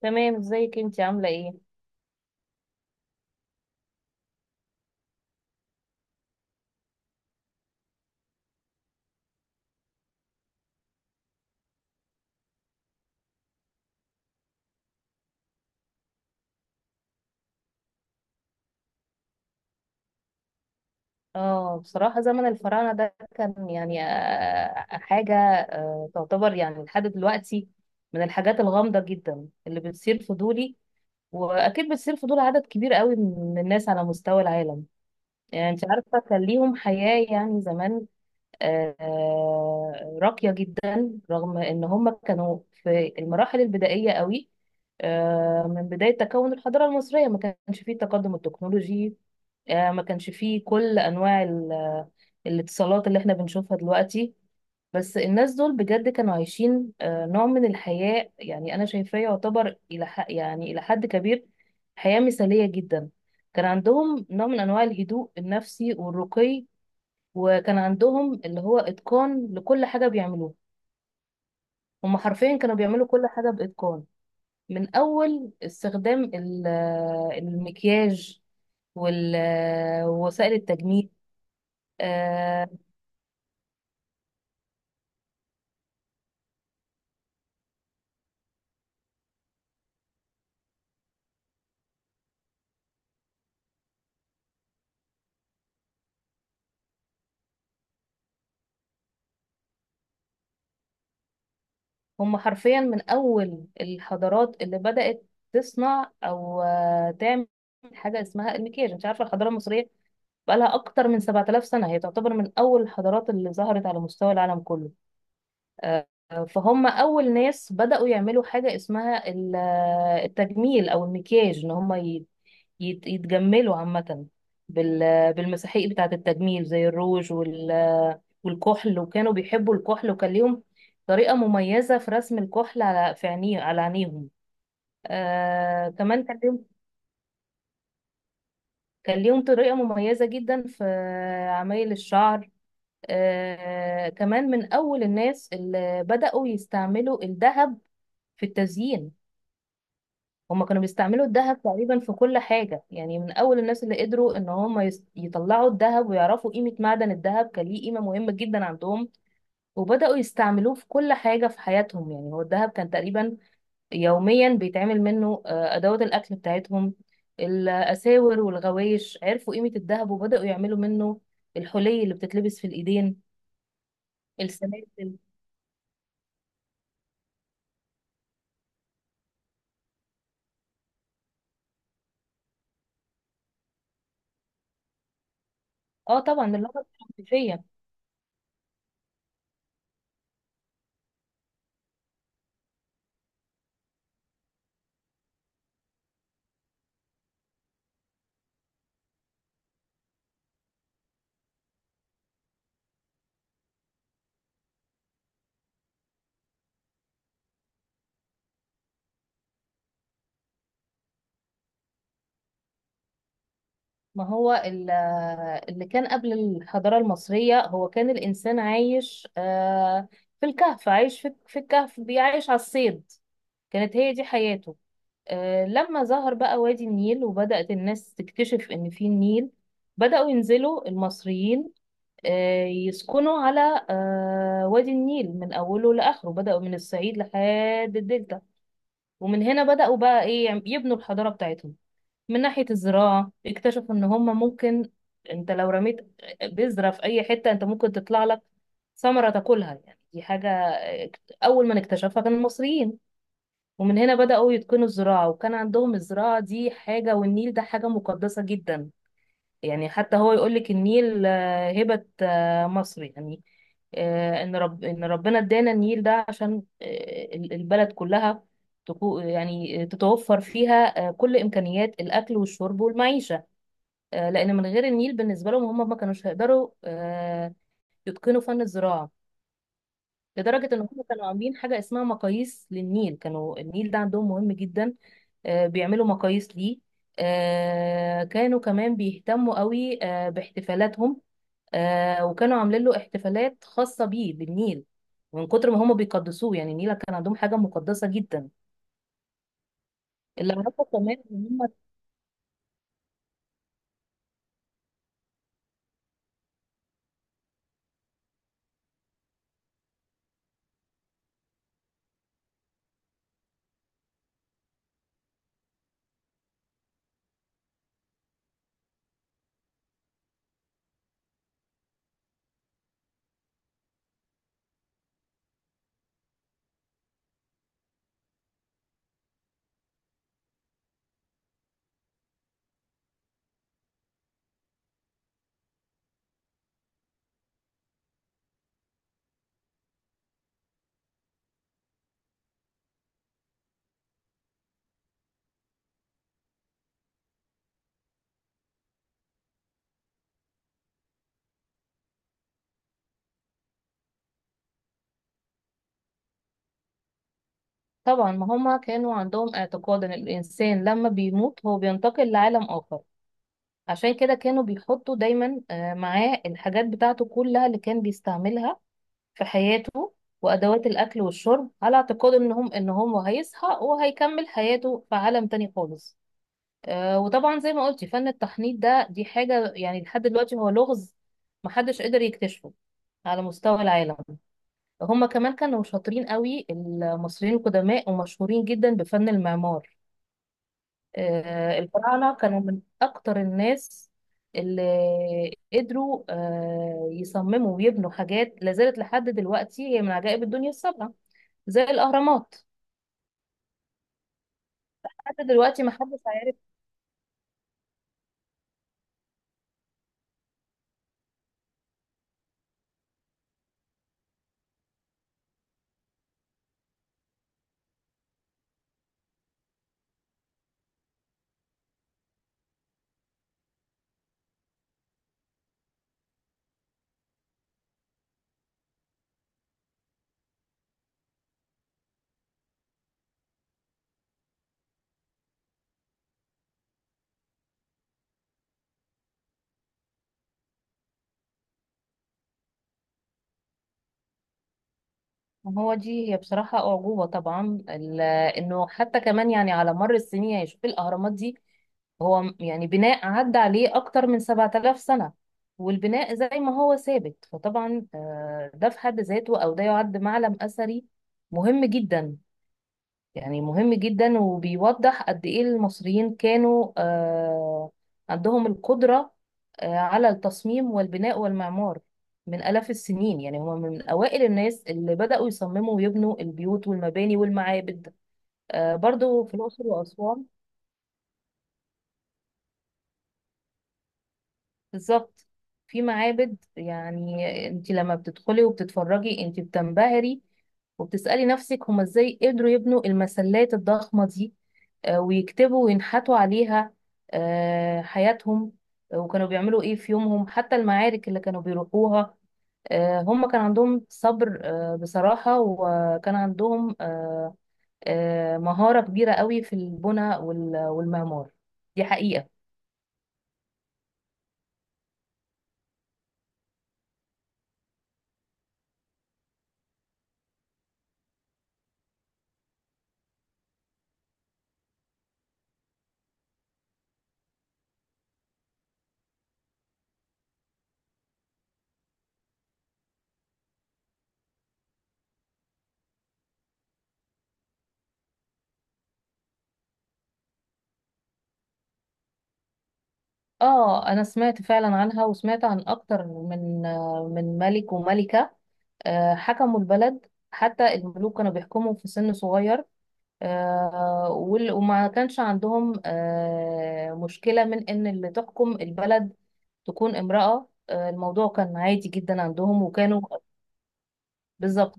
تمام، ازيك انت عامله ايه؟ اه، بصراحه زمن الفراعنه ده كان يعني حاجه تعتبر يعني لحد دلوقتي من الحاجات الغامضه جدا اللي بتثير فضولي، واكيد بتثير فضول عدد كبير قوي من الناس على مستوى العالم. يعني انت عارفه كان ليهم حياه يعني زمان راقيه جدا، رغم ان هم كانوا في المراحل البدائيه قوي. من بداية تكون الحضارة المصرية ما كانش فيه التقدم التكنولوجي، ما كانش فيه كل انواع الاتصالات اللي احنا بنشوفها دلوقتي. بس الناس دول بجد كانوا عايشين نوع من الحياة يعني انا شايفاه يعتبر الى ح- يعني الى حد كبير حياة مثالية جدا. كان عندهم نوع من انواع الهدوء النفسي والرقي، وكان عندهم اللي هو اتقان لكل حاجة بيعملوها. هم حرفيا كانوا بيعملوا كل حاجة باتقان، من اول استخدام المكياج ووسائل التجميل. آه، هم حرفيا من أول الحضارات اللي بدأت تصنع أو تعمل حاجة اسمها المكياج. انت عارفة الحضارة المصرية بقالها أكتر من 7000 سنة، هي تعتبر من أول الحضارات اللي ظهرت على مستوى العالم كله. فهم أول ناس بدأوا يعملوا حاجة اسمها التجميل أو المكياج، إن هم يتجملوا عامة بالمساحيق بتاعة التجميل زي الروج والكحل، وكانوا بيحبوا الكحل، وكان ليهم طريقة مميزة في رسم الكحل على عينيهم. كمان كان ليهم طريقة مميزة جدا في عمايل الشعر. كمان من أول الناس اللي بدأوا يستعملوا الذهب في التزيين. هما كانوا بيستعملوا الذهب تقريبا في كل حاجة، يعني من أول الناس اللي قدروا إن هما يطلعوا الذهب ويعرفوا قيمة معدن الذهب، كان ليه قيمة مهمة جدا عندهم. وبدأوا يستعملوه في كل حاجة في حياتهم، يعني هو الذهب كان تقريبا يوميا بيتعمل منه أدوات الأكل بتاعتهم، الأساور والغوايش. عرفوا قيمة الذهب وبدأوا يعملوا منه الحلي اللي بتتلبس في الإيدين، السلاسل. اه طبعا، اللغة الحنفية. ما هو اللي كان قبل الحضارة المصرية، هو كان الإنسان عايش في الكهف، عايش في الكهف، بيعيش على الصيد، كانت هي دي حياته. لما ظهر بقى وادي النيل وبدأت الناس تكتشف إن في النيل، بدأوا ينزلوا المصريين، يسكنوا على وادي النيل من أوله لآخره، بدأوا من الصعيد لحد الدلتا. ومن هنا بدأوا بقى إيه يبنوا الحضارة بتاعتهم. من ناحية الزراعة، اكتشفوا ان هما ممكن، انت لو رميت بذرة في اي حتة، انت ممكن تطلع لك ثمرة تاكلها. يعني دي حاجة اول من اكتشفها كان المصريين. ومن هنا بدأوا يتقنوا الزراعة، وكان عندهم الزراعة دي حاجة، والنيل ده حاجة مقدسة جدا. يعني حتى هو يقول لك النيل هبة مصر. يعني ان ربنا ادانا النيل ده عشان البلد كلها تتوفر فيها كل امكانيات الاكل والشرب والمعيشة. لان من غير النيل بالنسبه لهم، هم ما كانوش هيقدروا يتقنوا فن الزراعه. لدرجه ان هم كانوا عاملين حاجه اسمها مقاييس للنيل، كانوا النيل ده عندهم مهم جدا، بيعملوا مقاييس ليه. كانوا كمان بيهتموا قوي باحتفالاتهم، وكانوا عاملين له احتفالات خاصه بيه بالنيل، من كتر ما هم بيقدسوه. يعني النيل كان عندهم حاجه مقدسه جدا. اللي اعرفه كمان ان هم، طبعا ما هم كانوا عندهم اعتقاد ان الانسان لما بيموت هو بينتقل لعالم اخر، عشان كده كانوا بيحطوا دايما معاه الحاجات بتاعته كلها اللي كان بيستعملها في حياته، وأدوات الأكل والشرب، على اعتقاد إن هو هيصحى وهيكمل حياته في عالم تاني خالص. وطبعا زي ما قلتي فن التحنيط ده دي حاجة يعني لحد دلوقتي هو لغز محدش قدر يكتشفه على مستوى العالم. هما كمان كانوا شاطرين قوي المصريين القدماء، ومشهورين جدا بفن المعمار. الفراعنة كانوا من أكتر الناس اللي قدروا يصمموا ويبنوا حاجات لازالت لحد دلوقتي هي من عجائب الدنيا السبعة، زي الأهرامات. لحد دلوقتي ما حدش عارف. ما هو دي هي بصراحة أعجوبة. طبعا إنه حتى كمان، يعني على مر السنين، يعني شوف الأهرامات دي، هو بناء عدى عليه أكتر من 7000 سنة والبناء زي ما هو ثابت. فطبعا ده في حد ذاته، أو ده يعد معلم أثري مهم جدا. يعني مهم جدا، وبيوضح قد ايه المصريين كانوا عندهم القدرة على التصميم والبناء والمعمار من آلاف السنين. يعني هم من أوائل الناس اللي بدأوا يصمموا ويبنوا البيوت والمباني والمعابد، برضو في الأقصر وأسوان. بالظبط. في معابد، يعني انت لما بتدخلي وبتتفرجي انت بتنبهري، وبتسألي نفسك هما ازاي قدروا يبنوا المسلات الضخمة دي، ويكتبوا وينحتوا عليها حياتهم، وكانوا بيعملوا ايه في يومهم، حتى المعارك اللي كانوا بيروحوها. هما كان عندهم صبر بصراحة، وكان عندهم مهارة كبيرة قوي في البناء والمعمار. دي حقيقة. اه انا سمعت فعلا عنها، وسمعت عن اكتر من ملك وملكة حكموا البلد. حتى الملوك كانوا بيحكموا في سن صغير، وما كانش عندهم مشكلة من ان اللي تحكم البلد تكون امرأة. الموضوع كان عادي جدا عندهم، وكانوا. بالظبط.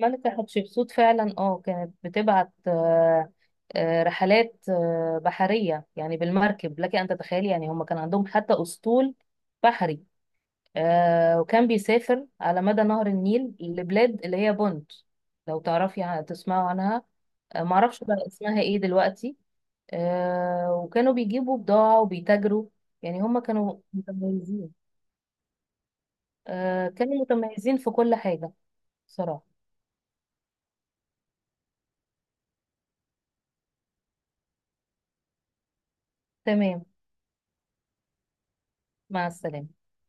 ملكة حتشبسوت فعلا اه كانت بتبعت رحلات بحرية، يعني بالمركب. لك أن تتخيلي يعني هم كان عندهم حتى أسطول بحري، وكان بيسافر على مدى نهر النيل لبلاد اللي هي بونت. لو تعرفي تسمعوا عنها. معرفش بقى اسمها ايه دلوقتي. وكانوا بيجيبوا بضاعة وبيتاجروا، يعني هم كانوا متميزين. كانوا متميزين في كل حاجة صراحة. تمام، مع السلامة.